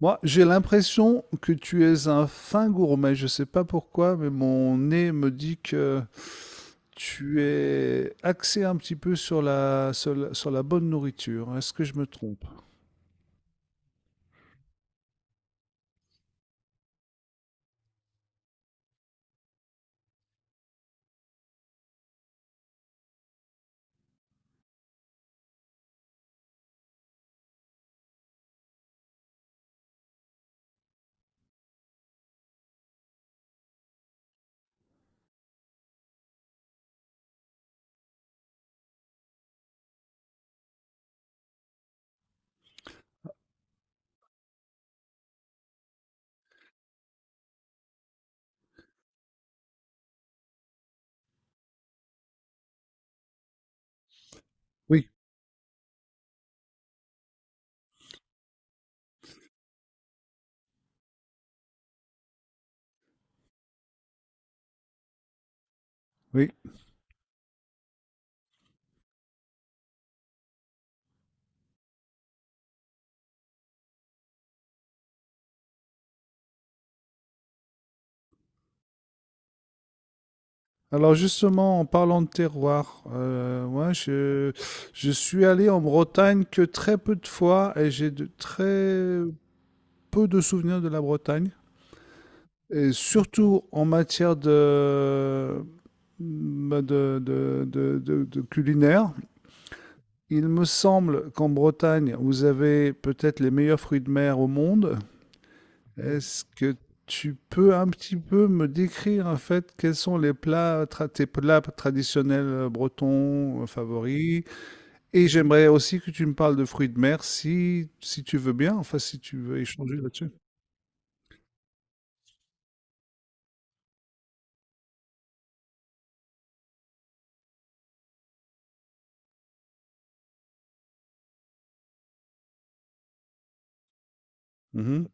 Moi, j'ai l'impression que tu es un fin gourmet. Je sais pas pourquoi, mais mon nez me dit que tu es axé un petit peu sur la bonne nourriture. Est-ce que je me trompe? Oui, oui. Alors justement, en parlant de terroir, moi, je suis allé en Bretagne que très peu de fois et j'ai de très peu de souvenirs de la Bretagne. Et surtout en matière de, bah, de culinaire. Il me semble qu'en Bretagne, vous avez peut-être les meilleurs fruits de mer au monde. Est-ce que tu peux un petit peu me décrire en fait quels sont les plats, tes plats traditionnels bretons favoris? Et j'aimerais aussi que tu me parles de fruits de mer si tu veux bien, enfin si tu veux échanger là-dessus. Mhm,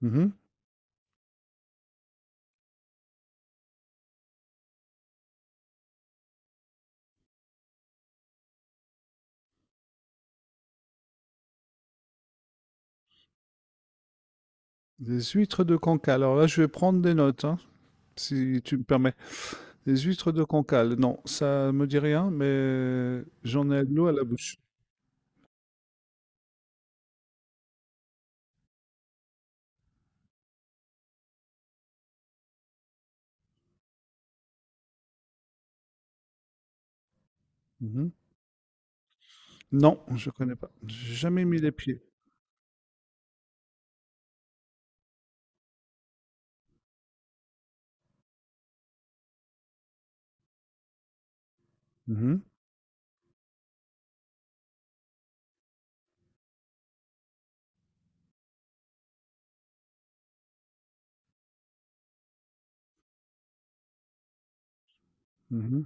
mhm. Des huîtres de Cancale. Alors là, je vais prendre des notes, hein, si tu me permets. Les huîtres de Cancale, non, ça me dit rien, mais j'en ai de l'eau à la bouche. Mhm. Non, je connais pas. J'ai jamais mis les pieds. Mhm, mhm,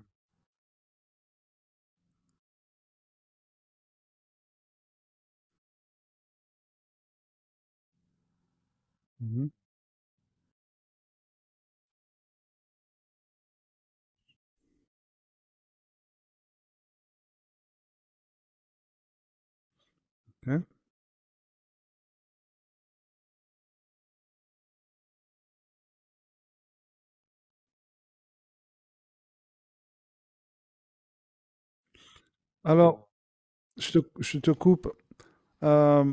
mhm. Ok. Alors, je te coupe euh,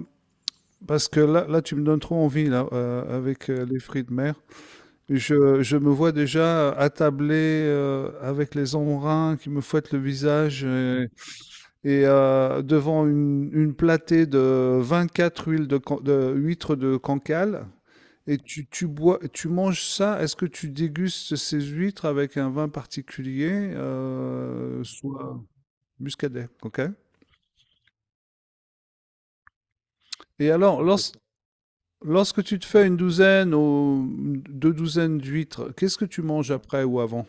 parce que tu me donnes trop envie là, avec les fruits de mer. Je me vois déjà attablé avec les embruns qui me fouettent le visage et, devant une platée de 24 huiles de, de huîtres de Cancale. Et tu bois, tu manges ça, est-ce que tu dégustes ces huîtres avec un vin particulier, soit muscadet, ok? Et alors, lorsque tu te fais une douzaine ou deux douzaines d'huîtres, qu'est-ce que tu manges après ou avant?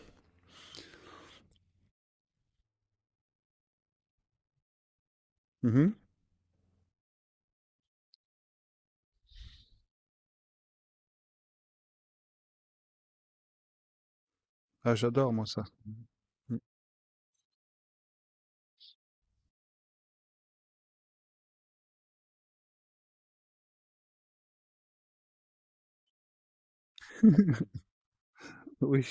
Mhm. Ah, j'adore moi ça. Mm. Oui.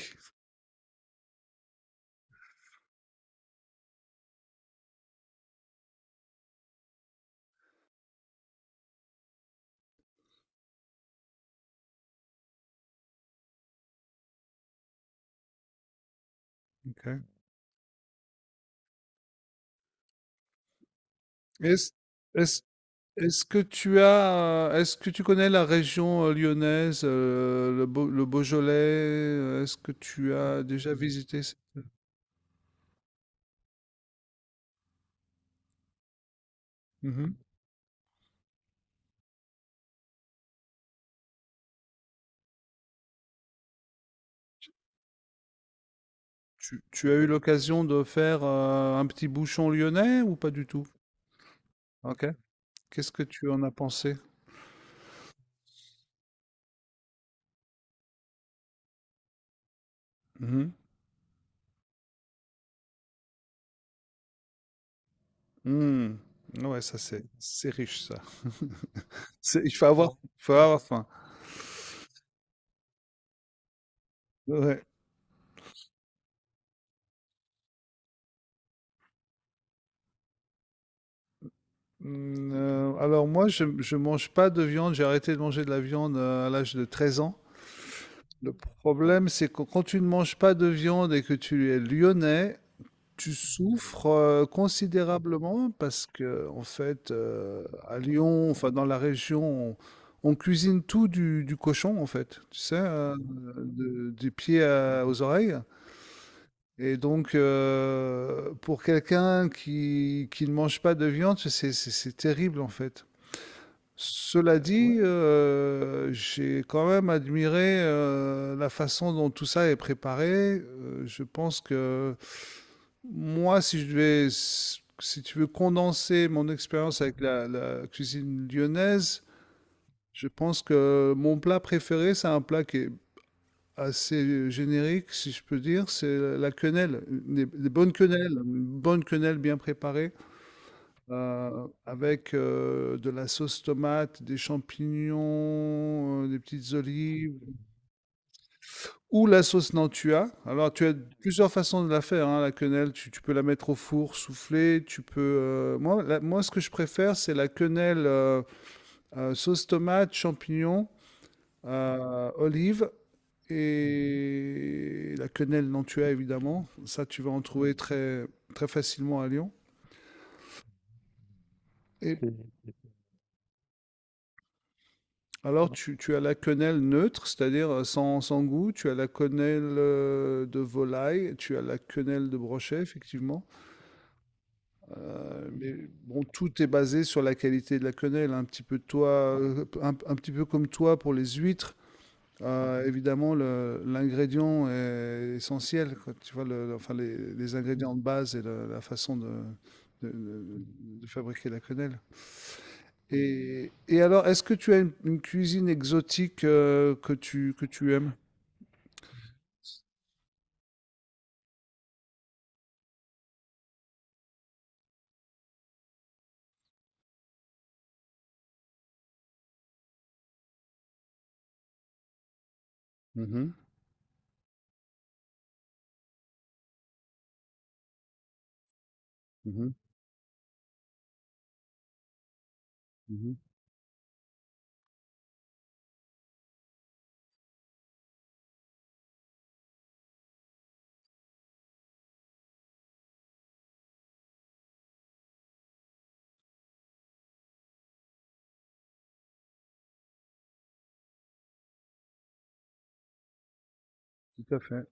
Ok. Est-ce, est-ce, est-ce que tu as, est-ce que tu connais la région lyonnaise, le, le Beaujolais? Est-ce que tu as déjà visité? Mhm. Tu as eu l'occasion de faire, un petit bouchon lyonnais ou pas du tout? OK. Qu'est-ce que tu en as pensé? Mmh mh. Mmh. Ouais, ça c'est riche ça. C'est il faut avoir faim. Ouais. Mmh, alors moi je mange pas de viande, j'ai arrêté de manger de la viande, à l'âge de 13 ans. Le problème, c'est que quand tu ne manges pas de viande et que tu es lyonnais, tu souffres considérablement parce que, en fait, à Lyon, enfin dans la région, on cuisine tout du cochon, en fait, tu sais, des pieds aux oreilles. Et donc, pour quelqu'un qui ne mange pas de viande, c'est terrible, en fait. Cela dit, ouais, j'ai quand même admiré la façon dont tout ça est préparé. Je pense que moi, si je devais, si tu veux condenser mon expérience avec la, la cuisine lyonnaise, je pense que mon plat préféré, c'est un plat qui est assez générique, si je peux dire, c'est la quenelle, des bonnes quenelles, une bonne quenelle bien préparée, avec de la sauce tomate, des champignons, des petites olives, ou la sauce Nantua. Alors, tu as plusieurs façons de la faire, hein, la quenelle. Tu peux la mettre au four, souffler. Tu peux. Euh, moi, moi, ce que je préfère, c'est la quenelle sauce tomate, champignons, olive et la quenelle Nantua, évidemment. Ça, tu vas en trouver très, très facilement à Lyon. Et alors, tu as la quenelle neutre, c'est-à-dire sans, sans goût. Tu as la quenelle de volaille. Tu as la quenelle de brochet, effectivement. Mais bon, tout est basé sur la qualité de la quenelle, un petit peu de toi, un petit peu comme toi pour les huîtres. Évidemment, l'ingrédient est essentiel, quoi. Tu vois, enfin, les ingrédients de base et la façon de, de- de- de fabriquer la quenelle. Et alors, est-ce que tu as une cuisine exotique que tu aimes? Mhm, mhm, mhm, Tout à fait.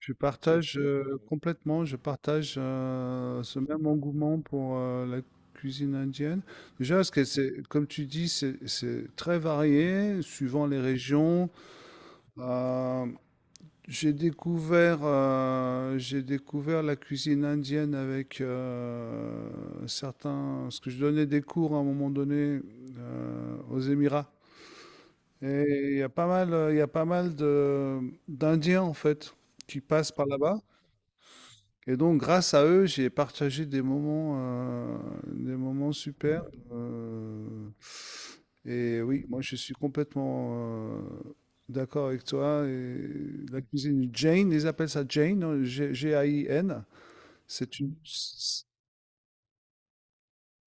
Je partage complètement, je partage ce même engouement pour la cuisine indienne. Déjà, parce que c'est, comme tu dis, c'est très varié suivant les régions. Euh, j'ai découvert la cuisine indienne avec certains, parce que je donnais des cours à un moment donné aux Émirats. Et il y a pas mal de d'Indiens en fait qui passent par là-bas. Et donc, grâce à eux, j'ai partagé des moments super. Euh, et oui, moi, je suis complètement d'accord avec toi. Et la cuisine Jane, ils appellent ça Jane, hein, G-A-I-N. C'est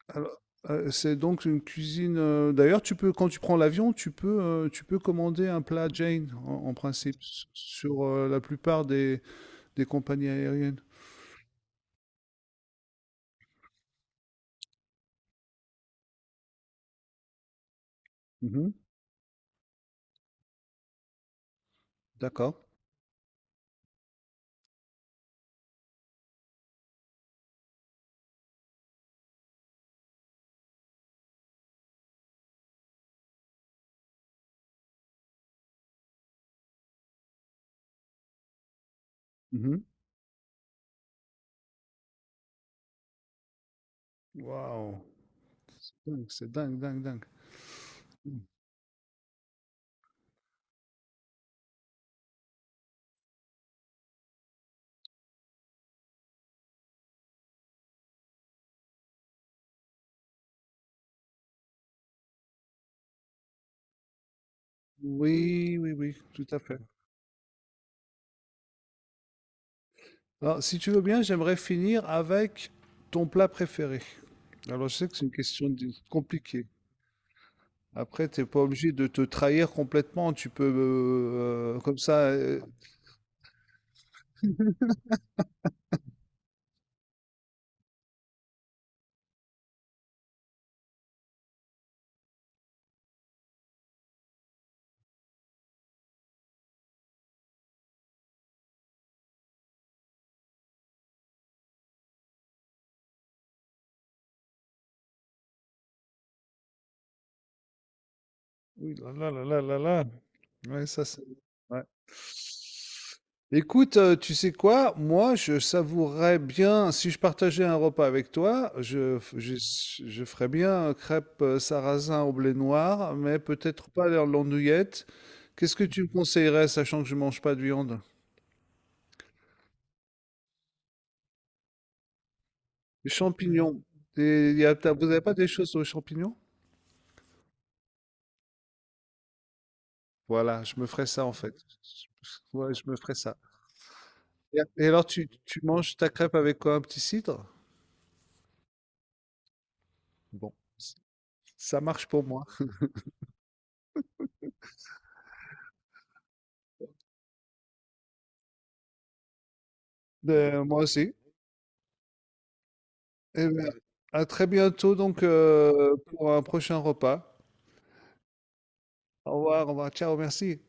alors, c'est donc une cuisine. Euh, d'ailleurs, tu peux, quand tu prends l'avion, tu peux commander un plat Jane en, en principe sur la plupart des compagnies aériennes. Mhm, d'accord. Mhm. Waouh! Dingue, c'est dingue. Mm. Oui, oui, oui, tout à fait. Alors, si tu veux bien, j'aimerais finir avec ton plat préféré. Alors, je sais que c'est une question compliquée. Après, t'es pas obligé de te trahir complètement. Tu peux, comme ça, euh. Oui, là là là là là là. Ouais, ça c'est ouais. Écoute, tu sais quoi? Moi, je savourerais bien si je partageais un repas avec toi, je f je ferais bien, crêpes, sarrasin au blé noir, mais peut-être pas leur l'andouillette. Qu'est-ce que tu me conseillerais, sachant que je mange pas de viande? Des champignons. Des y a tu vous avez pas des choses aux champignons? Voilà, je me ferais ça, en fait. Ouais, je me ferais ça. Et alors tu manges ta crêpe avec quoi? Un petit cidre? Bon, ça marche pour moi. Moi aussi. Eh bien, à très bientôt donc pour un prochain repas. Au revoir, ciao, merci.